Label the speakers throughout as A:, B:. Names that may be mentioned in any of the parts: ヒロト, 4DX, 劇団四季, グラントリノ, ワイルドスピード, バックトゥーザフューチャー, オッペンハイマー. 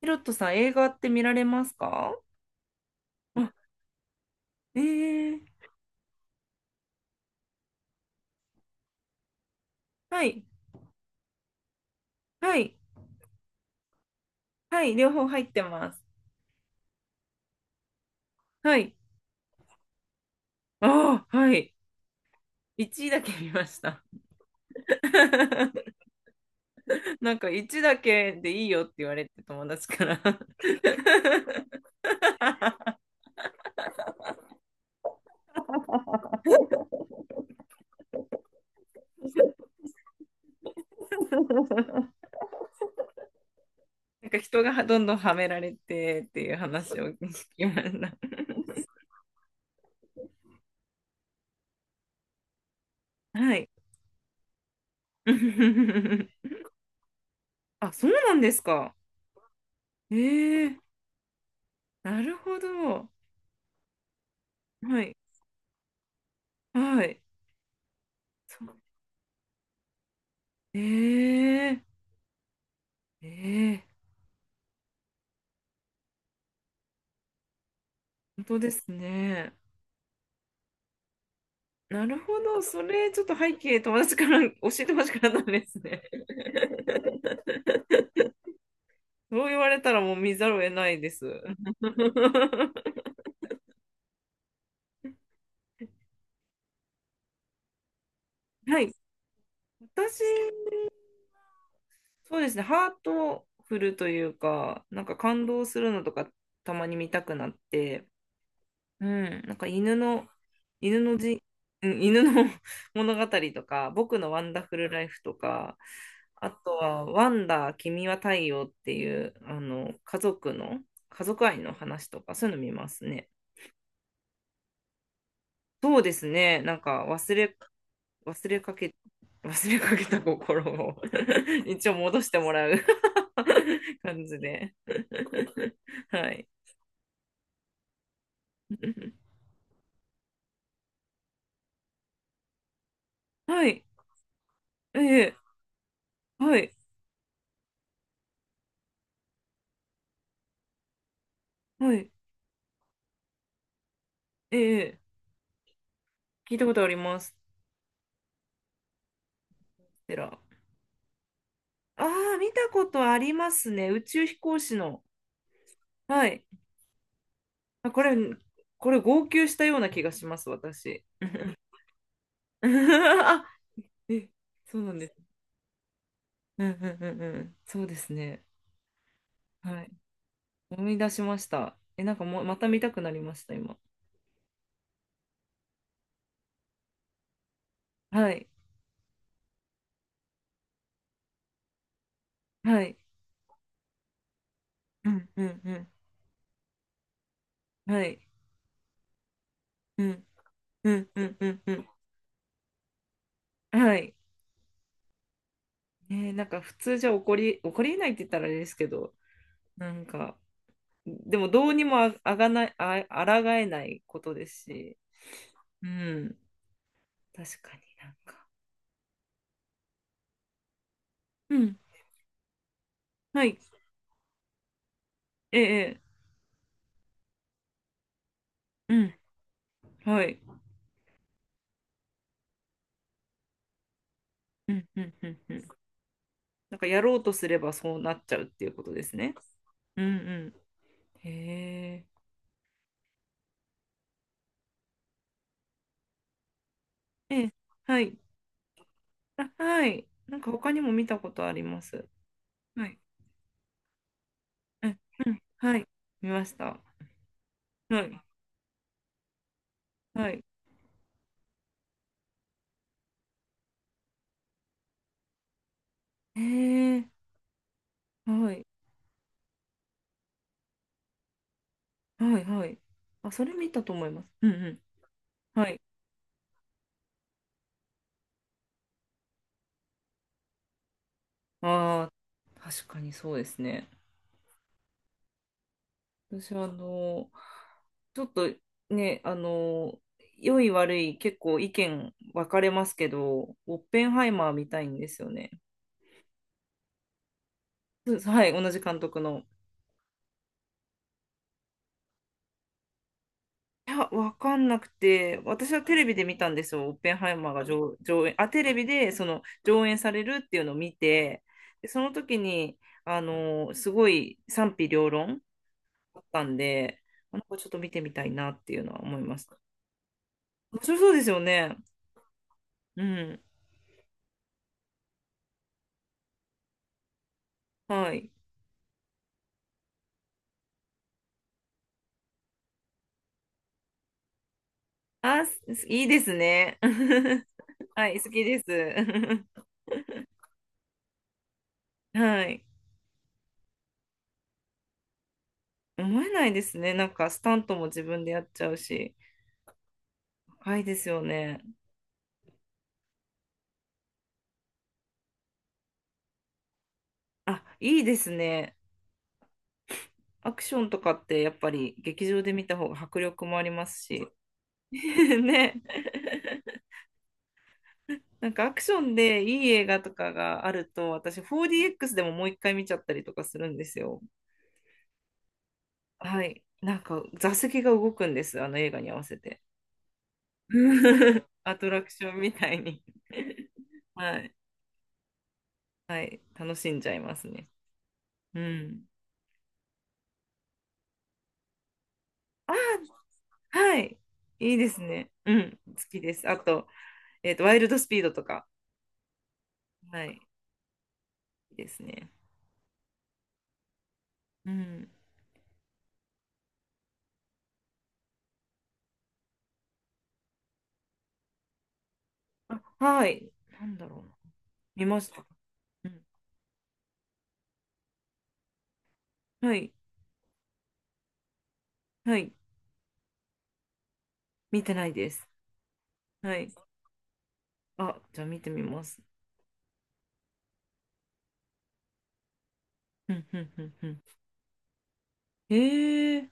A: ヒロトさん、映画って見られますか？あ、えー、はい、はい、はい、両方入ってます。はい。ああ、はい。1だけ見ました。なんか1だけでいいよって言われて友達から。なんか人がどんどんはめられてっていう話を聞きました。はい。あ、そうなんですか。えー、なるほど。はい。はい。そうえー、ええ、本当ですね。なるほど、それちょっと背景、友達から 教えてほしくなったんですね。そう言われたらもう見ざるを得ないです。はい、私、そうですね、ハートフルというか、なんか感動するのとかたまに見たくなって、うん、なんか犬の、犬のじ、うん犬の 物語とか、僕のワンダフルライフとか、あとは、ワンダー、君は太陽っていう、家族愛の話とか、そういうの見ますね。そうですね、なんか忘れかけ、忘れかけた心を 一応戻してもらう 感じで。はい。はい。ええ、はい。はい。はい、ええ。聞いたことあります。テラ。ああ、見たことありますね。宇宙飛行士の。はい。あ、これ、号泣したような気がします、私。あ、え、そうなんです。うんうんうんうん。そうですね。はい。思い出しました。え、なんかもう、また見たくなりました、今。はい。はい。うんうんうん。はい。うんうんうんうんうん。はい。ねえ、なんか普通じゃ起こりえないって言ったらあれですけど、なんか、でもどうにもああがない、あ、抗えないことですし、うん、確かになんか。うん、はい、ええ、ええ、うん、はい、うん、うん、うん、うん。なんかやろうとすればそうなっちゃうっていうことですね。うんうん。へえ。ええ、はい。あ、はい。なんか他にも見たことあります。はい。うん、うん、はい。見ました。はい。はい。へえ。はい。はい、はい。あ、それ見たと思います。うんうん。はい。ああ、確かにそうですね。私はちょっとね、良い悪い結構意見分かれますけど、オッペンハイマー見たいんですよね。そうです、はい、同じ監督の。いや、分かんなくて、私はテレビで見たんですよ、オッペンハイマーが上演、あ、テレビでその上演されるっていうのを見て、で、その時に、すごい賛否両論あったんで、なんかちょっと見てみたいなっていうのは思います。面白そうですよね。うん。はい。あ、いいですね。はい、好きです。はい。思えないですね。なんか、スタントも自分でやっちゃうし。高いですよね。あ、いいですね。アクションとかって、やっぱり劇場で見た方が迫力もありますし。ね。なんか、アクションでいい映画とかがあると、私、4DX でももう一回見ちゃったりとかするんですよ。はい。なんか、座席が動くんです。あの映画に合わせて。アトラクションみたいに。 はい。はい。楽しんじゃいますね。うん。ああ、はい。いいですね。うん。好きです。あと、ワイルドスピードとか。はい。いいですね。うん。はい。なんだろうな。見ました。うん。はい。はい。見てないです。はい。あ、じゃあ見てみます。うん、うん、うん、うん。ええ、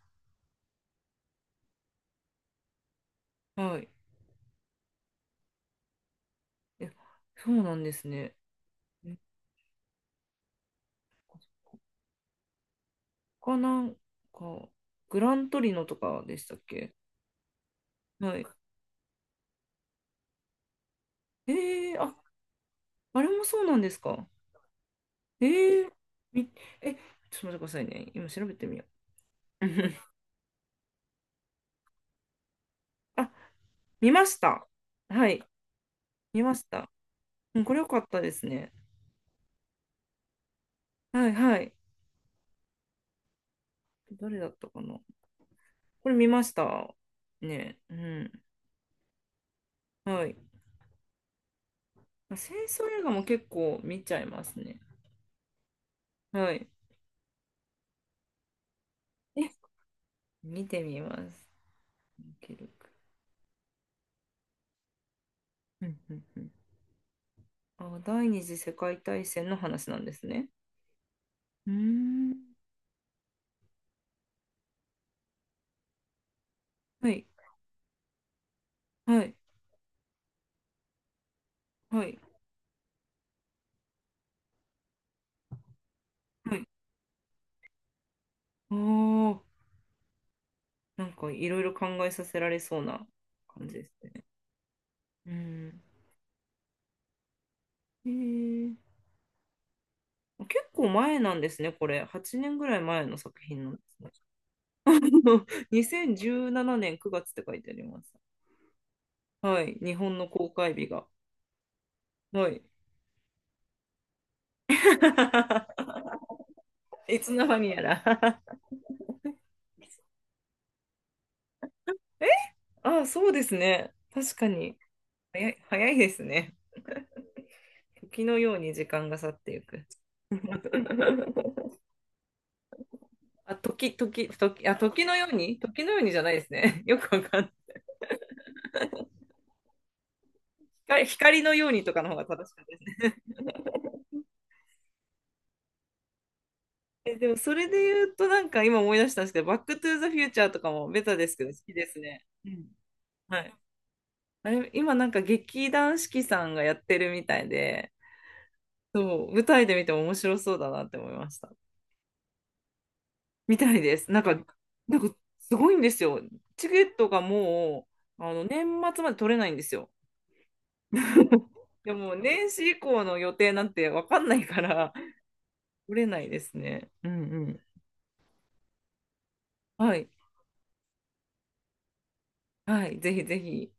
A: はい。え、そうなんですね。え他なんか、グラントリノとかでしたっけ？はい。あ、あれもそうなんですか。えー、み、ちょっと待ってくださいね。今調べてみよう。あ、見ました。はい、見ました。うん、これ良かったですね。はい、はい。誰だったかな。これ見ました。ね、うん。はい。まあ戦争映画も結構見ちゃいますね。はい。え、見てみます。記録。うんうんうん、あ、第二次世界大戦の話なんですね。うーん。はい、はい、はい、はい。ああ、なんかいろいろ考えさせられそうな感じですね。うん。へえ、結構前なんですね、これ。8年ぐらい前の作品なんですね。2017年9月って書いてあります。はい、日本の公開日が。はい。いつの間にやら。あ、そうですね。確かに。早い、早いですね。時のように時間が去っていく。あ、時、あ、時のように時のようにじゃないですね。よくわかんない。光のようにとかの方が正しかったですね。え、でもそれで言うとなんか今思い出したんですけど、バックトゥーザフューチャーとかもベタですけど好きですね。うん。はい。あれ、今なんか劇団四季さんがやってるみたいで、そう、舞台で見ても面白そうだなって思いました。みたいです。なんか、なんかすごいんですよ。チケットがもう、年末まで取れないんですよ。でも年始以降の予定なんてわかんないから、取れないですね。うんうん。はい。はい。ぜひぜひ。